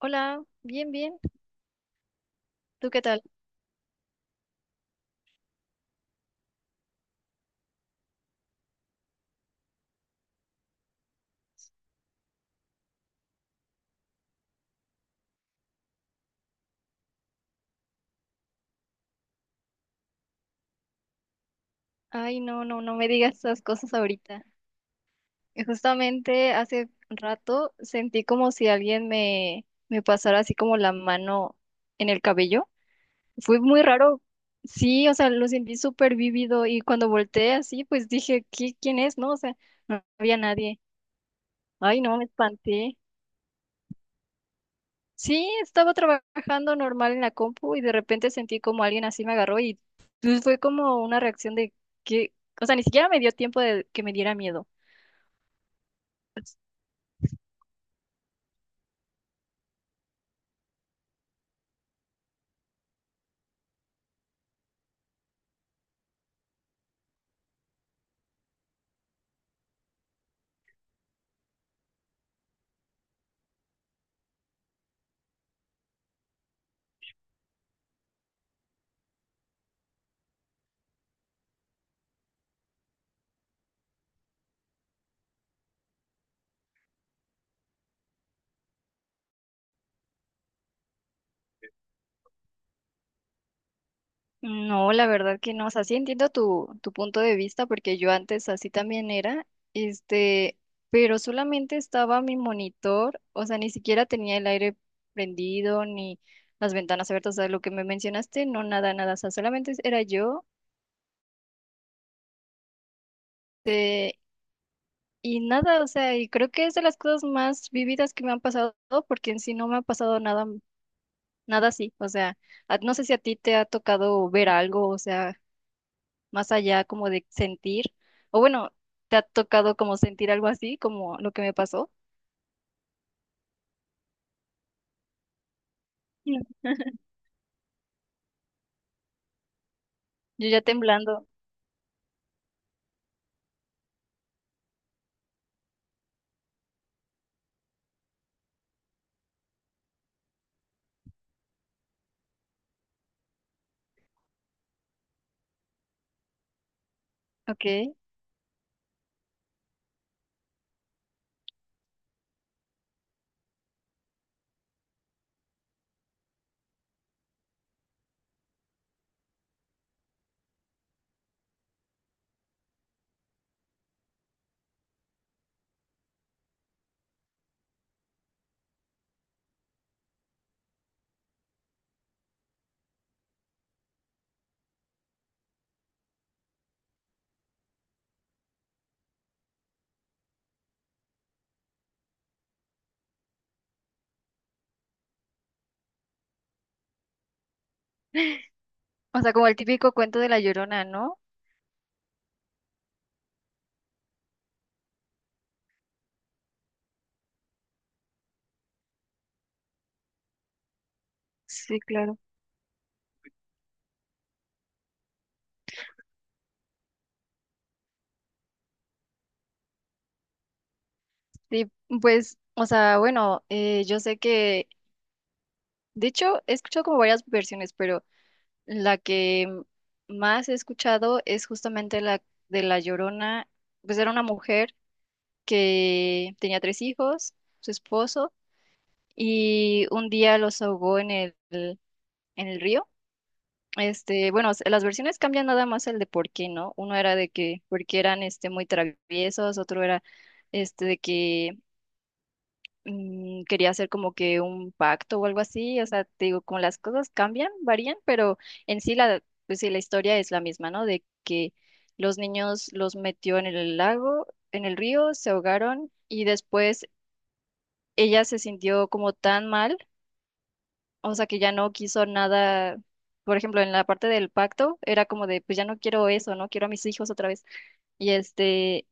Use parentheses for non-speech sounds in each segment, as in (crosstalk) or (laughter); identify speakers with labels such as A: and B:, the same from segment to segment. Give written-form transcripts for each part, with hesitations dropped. A: Hola, bien, bien. ¿Tú qué tal? Ay, no, no, no me digas esas cosas ahorita. Justamente hace rato sentí como si alguien me pasara así como la mano en el cabello. Fue muy raro. Sí, o sea, lo sentí súper vívido y cuando volteé así, pues dije, ¿qué, quién es? No, o sea, no había nadie. Ay, no, me espanté. Sí, estaba trabajando normal en la compu y de repente sentí como alguien así me agarró y pues, fue como una reacción de que, o sea, ni siquiera me dio tiempo de que me diera miedo. Pues, no, la verdad que no, o sea, sí entiendo tu punto de vista porque yo antes así también era, este, pero solamente estaba mi monitor, o sea, ni siquiera tenía el aire prendido ni las ventanas abiertas, o sea, lo que me mencionaste, no, nada, nada, o sea, solamente era yo. eh, Y nada, o sea, y creo que es de las cosas más vividas que me han pasado, porque en sí no me ha pasado nada, nada así. O sea, no sé si a ti te ha tocado ver algo, o sea, más allá como de sentir, o bueno, te ha tocado como sentir algo así, como lo que me pasó. Sí. Yo ya temblando, ok. O sea, como el típico cuento de la Llorona, ¿no? Sí, claro. Sí, pues, o sea, bueno, yo sé que, de hecho, he escuchado como varias versiones, pero la que más he escuchado es justamente la de La Llorona. Pues era una mujer que tenía tres hijos, su esposo, y un día los ahogó en en el río. Bueno, las versiones cambian nada más el de por qué, ¿no? Uno era de que porque eran este muy traviesos, otro era este de que quería hacer como que un pacto o algo así, o sea, te digo, como las cosas cambian, varían, pero en sí la, pues sí, la historia es la misma, ¿no? De que los niños los metió en el lago, en el río, se ahogaron y después ella se sintió como tan mal, o sea, que ya no quiso nada. Por ejemplo, en la parte del pacto era como de, pues ya no quiero eso, no quiero a mis hijos otra vez. Y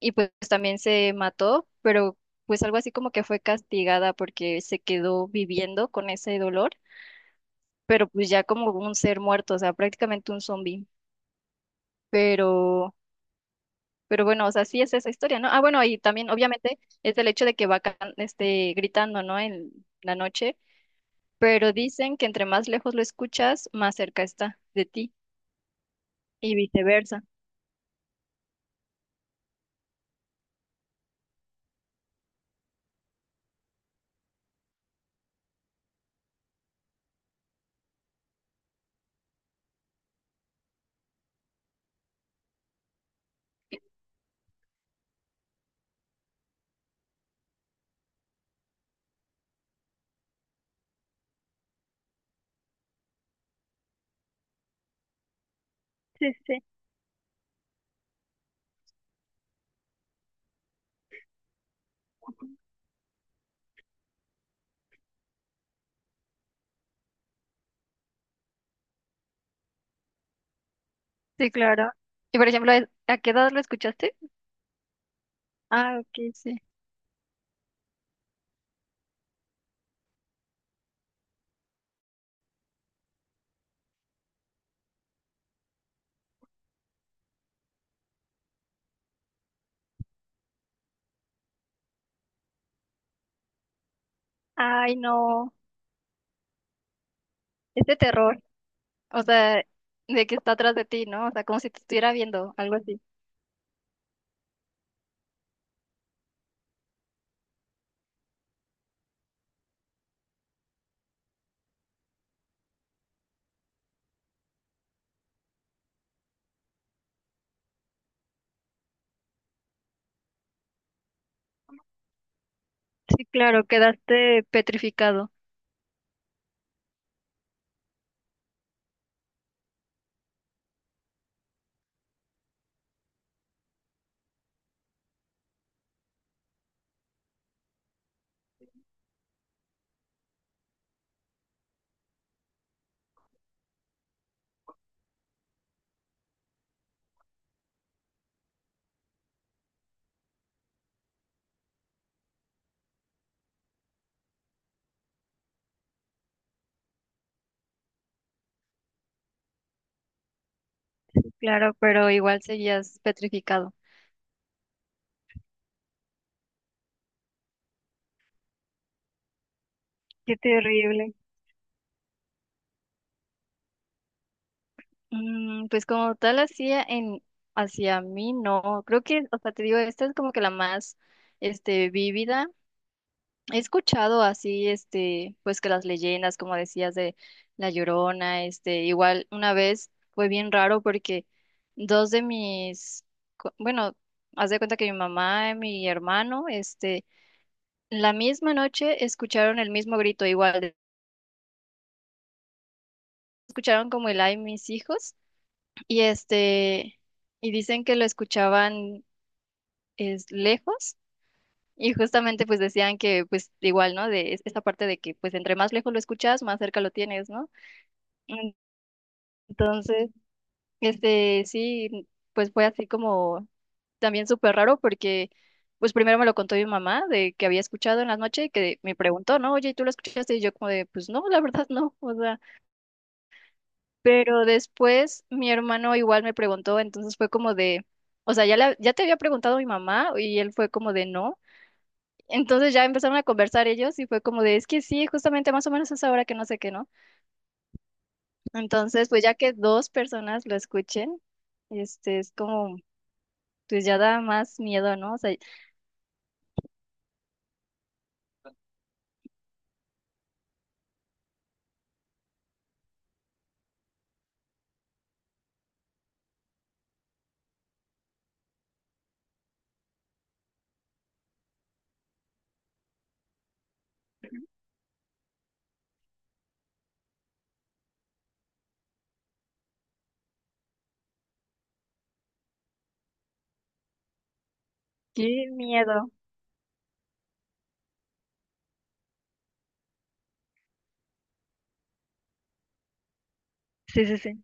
A: y pues también se mató, pero pues algo así como que fue castigada porque se quedó viviendo con ese dolor, pero pues ya como un ser muerto, o sea, prácticamente un zombie. Pero, pero bueno, o sea, sí es esa historia, ¿no? Ah, bueno, y también obviamente es el hecho de que va este, gritando, ¿no? En la noche, pero dicen que entre más lejos lo escuchas, más cerca está de ti y viceversa. Sí, sí, sí, claro. Y por ejemplo, ¿a qué edad lo escuchaste? Ah, ok, sí. Ay, no, es de terror. O sea, de que está atrás de ti, ¿no? O sea, como si te estuviera viendo, algo así. Sí, claro, quedaste petrificado. Claro, pero igual seguías petrificado. Qué terrible. Mm, pues como tal hacía en hacia mí, no. Creo que, o sea, te digo, esta es como que la más este vívida. He escuchado así, este, pues que las leyendas, como decías, de La Llorona, este, igual una vez fue bien raro porque dos de mis, bueno, haz de cuenta que mi mamá y mi hermano, este, la misma noche escucharon el mismo grito, igual, escucharon como el ay mis hijos, y este, y dicen que lo escuchaban es, lejos. Y justamente pues decían que pues igual, ¿no? De esta parte de que pues entre más lejos lo escuchas, más cerca lo tienes, ¿no? Entonces, este, sí, pues fue así como también súper raro porque, pues primero me lo contó mi mamá de que había escuchado en la noche y que me preguntó, ¿no? Oye, ¿tú lo escuchaste? Y yo como de, pues no, la verdad no, o sea, pero después mi hermano igual me preguntó, entonces fue como de, o sea, ya, ya te había preguntado mi mamá y él fue como de no. Entonces ya empezaron a conversar ellos y fue como de, es que sí, justamente más o menos es ahora que no sé qué, ¿no? Entonces, pues ya que dos personas lo escuchen, este es como. Pues ya da más miedo, ¿no? O sea, qué miedo. Sí, sí, sí.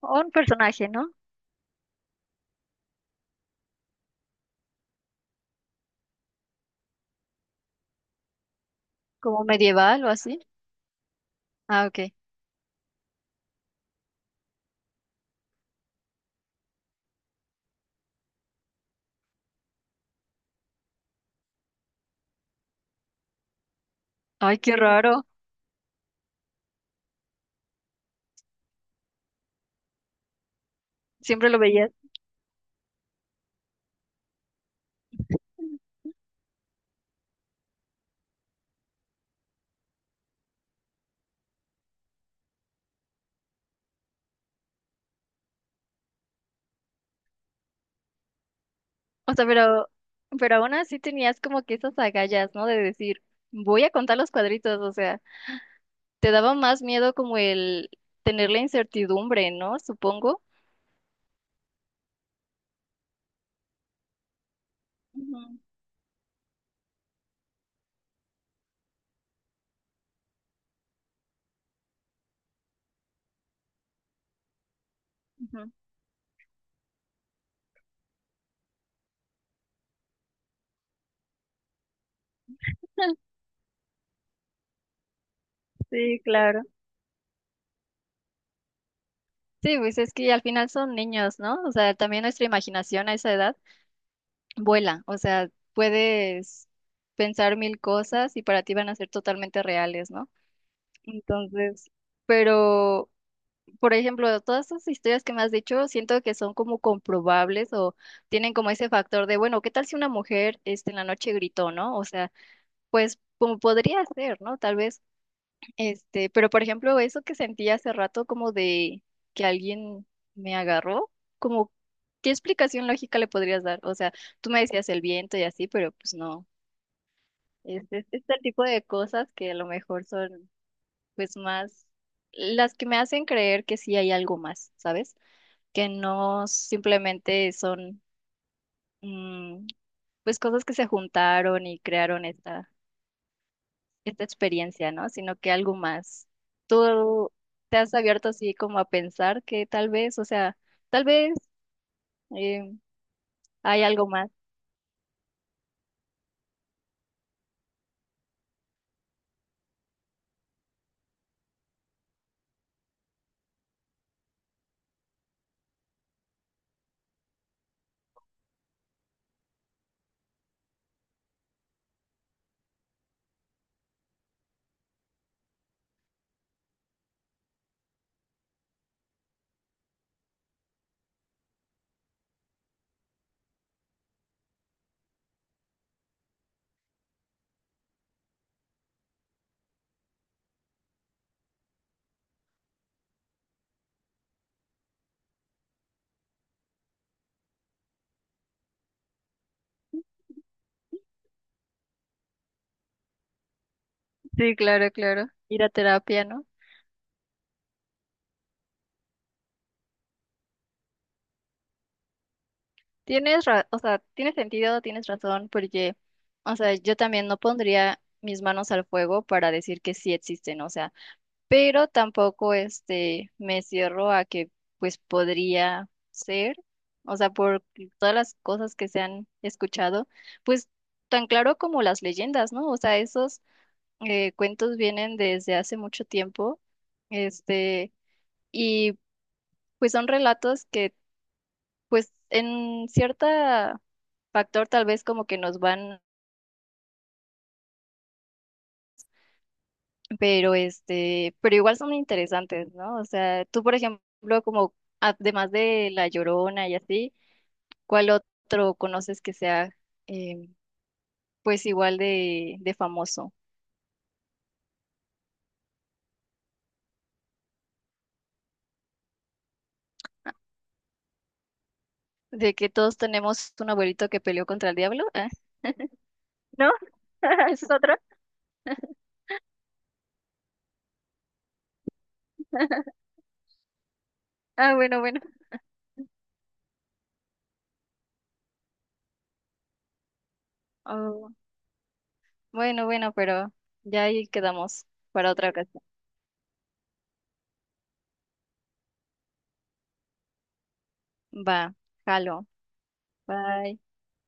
A: O un personaje, ¿no? Como medieval o así. Ah, ok. Ay, qué raro. Siempre lo veías. O sea, pero aún así tenías como que esas agallas, ¿no? De decir, voy a contar los cuadritos. O sea, te daba más miedo como el tener la incertidumbre, ¿no? Supongo. Ujú, ujú. (laughs) Sí, claro. Sí, pues es que al final son niños, ¿no? O sea, también nuestra imaginación a esa edad vuela, o sea, puedes pensar mil cosas y para ti van a ser totalmente reales, ¿no? Entonces, pero, por ejemplo, todas esas historias que me has dicho, siento que son como comprobables o tienen como ese factor de, bueno, ¿qué tal si una mujer, este, en la noche gritó, ¿no? O sea, pues como podría ser, ¿no? Tal vez este, pero por ejemplo, eso que sentí hace rato como de que alguien me agarró, como ¿qué explicación lógica le podrías dar? O sea, tú me decías el viento y así, pero pues no. Es, es el tipo de cosas que a lo mejor son pues más las que me hacen creer que sí hay algo más, ¿sabes? Que no simplemente son mm, pues cosas que se juntaron y crearon esta esta experiencia, ¿no? Sino que algo más. Tú te has abierto así como a pensar que tal vez, o sea, tal vez eh, hay algo más. Sí, claro, claro. Ir a terapia, ¿no? Tienes, o sea, tiene sentido, tienes razón, porque, o sea, yo también no pondría mis manos al fuego para decir que sí existen, o sea. Pero tampoco este me cierro a que pues podría ser, o sea, por todas las cosas que se han escuchado, pues tan claro como las leyendas, ¿no? O sea, esos cuentos vienen desde hace mucho tiempo, este, y pues son relatos que pues en cierta factor tal vez como que nos van pero este, pero igual son interesantes, ¿no? O sea, tú, por ejemplo, como además de La Llorona y así, ¿cuál otro conoces que sea eh, pues igual de famoso? De que todos tenemos un abuelito que peleó contra el diablo, ¿eh? ¿No? (laughs) ¿Ese es otro? Ah, bueno, bueno. Oh, bueno, bueno, pero ya ahí quedamos para otra ocasión. Va, jalo. Bye.